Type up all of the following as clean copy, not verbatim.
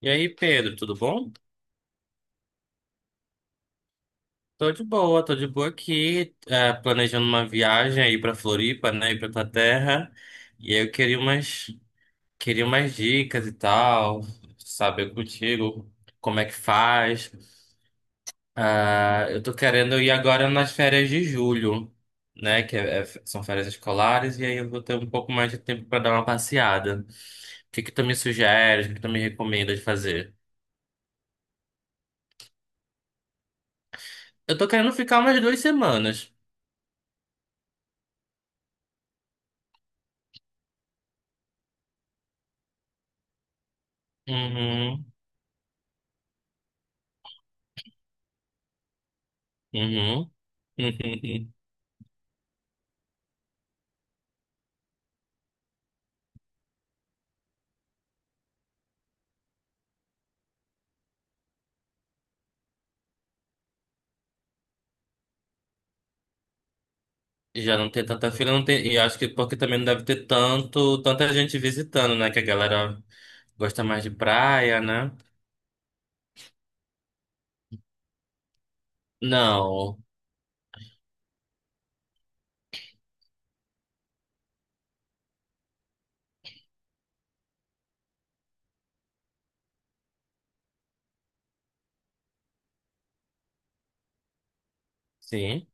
E aí, Pedro, tudo bom? Tô de boa aqui, planejando uma viagem aí pra Floripa, né, e pra tua terra. E aí queria umas dicas e tal, saber contigo como é que faz. Ah, eu tô querendo ir agora nas férias de julho, né, que são férias escolares, e aí eu vou ter um pouco mais de tempo pra dar uma passeada. O que que tu me sugere, o que que tu me recomenda de fazer? Eu tô querendo ficar umas duas semanas. Uhum, uhum. Uhum. Já não tem tanta fila, não tem. E acho que porque também não deve ter tanta gente visitando, né? Que a galera gosta mais de praia, né? Não, sim.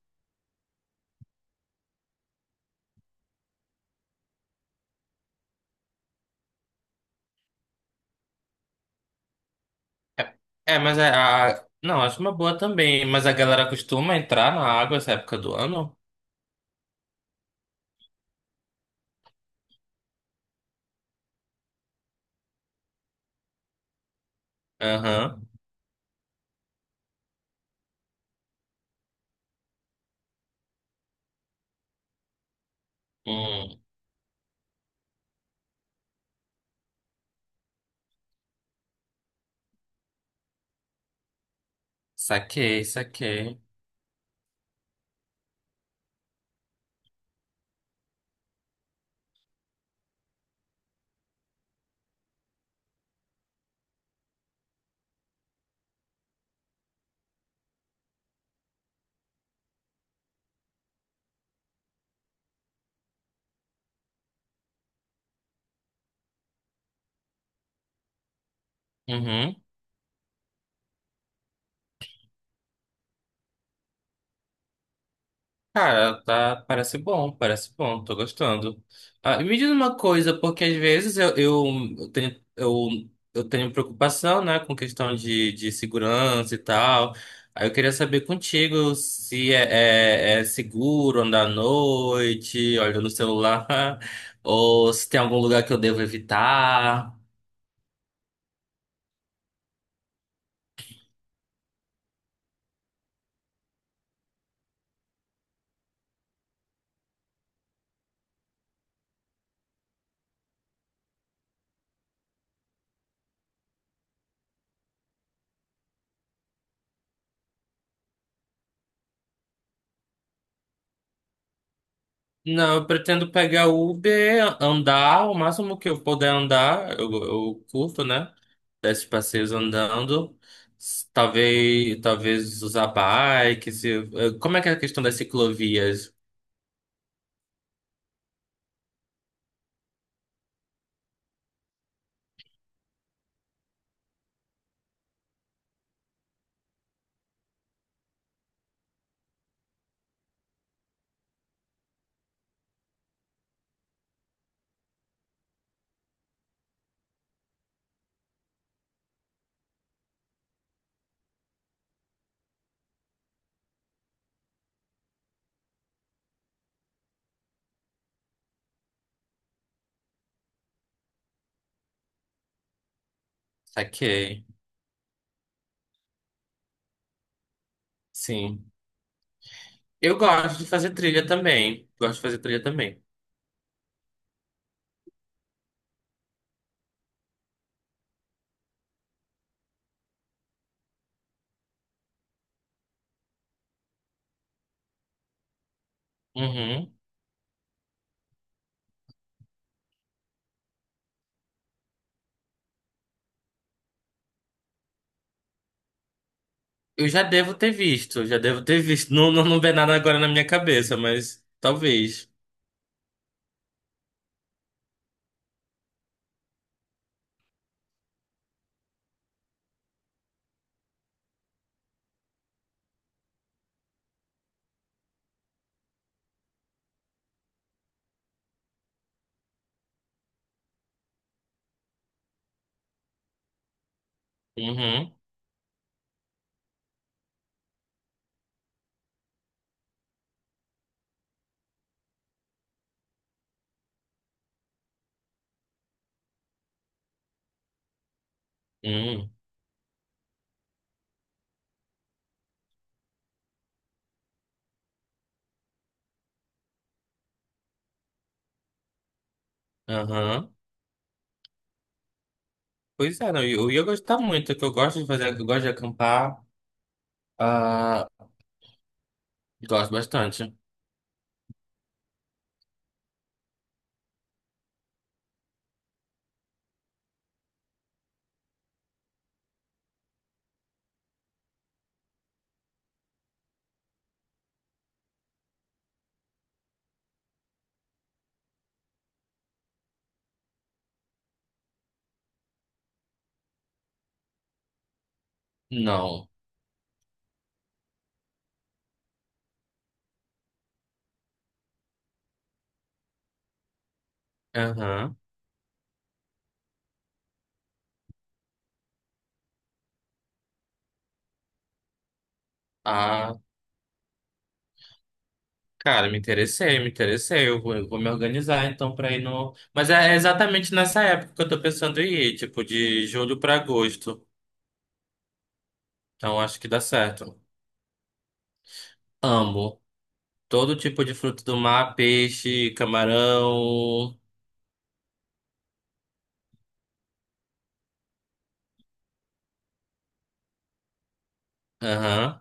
É, mas Não, acho uma boa também. Mas a galera costuma entrar na água essa época do ano? Aham. Hum, saquei, saquei. Uhum. Cara, tá, parece bom, tô gostando. Ah, e me diz uma coisa, porque às vezes eu tenho, eu, eu tenho preocupação, né, com questão de segurança e tal. Aí eu queria saber contigo se é seguro andar à noite, olhando no celular, ou se tem algum lugar que eu devo evitar. Não, eu pretendo pegar Uber, andar o máximo que eu puder andar, eu curto, né? Desses passeios andando, talvez usar bike. Como é que é a questão das ciclovias? Saquei. Sim. Eu gosto de fazer trilha também. Gosto de fazer trilha também. Uhum. Eu já devo ter visto, já devo ter visto. Não, não, não vem nada agora na minha cabeça, mas talvez. Uhum. Uhum. Aham. Pois é, não, eu ia gostar muito, que eu gosto de fazer, eu gosto de acampar. Ah, gosto bastante. Não. Aham. Ah, cara, me interessei, me interessei. Eu vou me organizar então pra ir no. Mas é exatamente nessa época que eu tô pensando em ir, tipo, de julho pra agosto. Então acho que dá certo. Amo. Todo tipo de fruto do mar, peixe, camarão. Aham.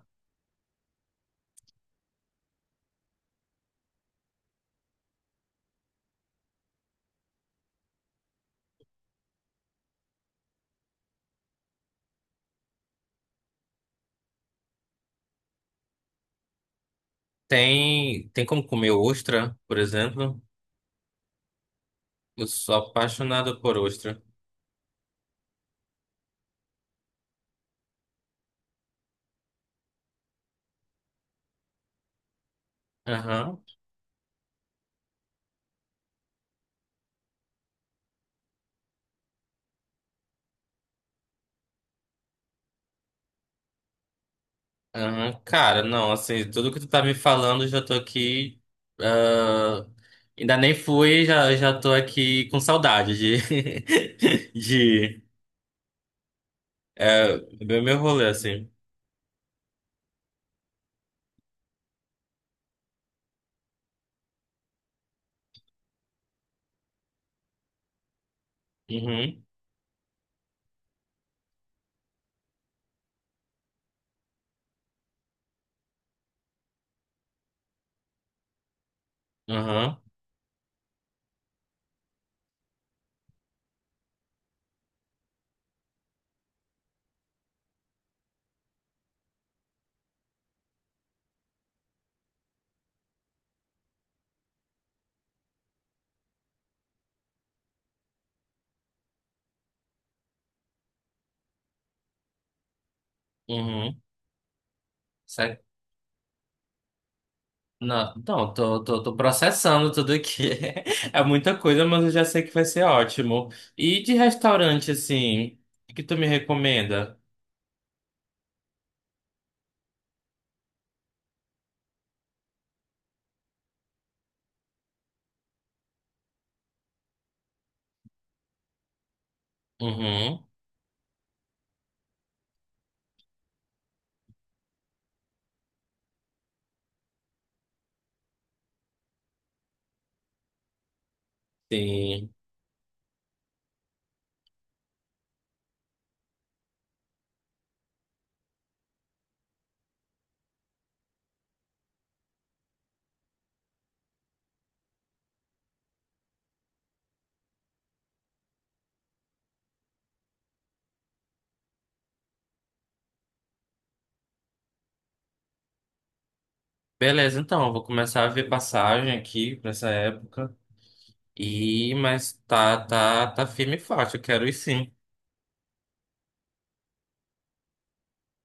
Tem, tem como comer ostra, por exemplo? Eu sou apaixonado por ostra. Aham. Aham, cara, não, assim, tudo que tu tá me falando, eu já tô aqui. Ah, ainda nem fui, já, já tô aqui com saudade de, de é, ver meu rolê, assim. Uhum, aham, uhum. Sa- não, não, tô processando tudo aqui. É muita coisa, mas eu já sei que vai ser ótimo. E de restaurante, assim, o que tu me recomenda? Uhum, sim. Beleza, então, eu vou começar a ver passagem aqui pra essa época. E, tá firme e forte, eu quero ir sim.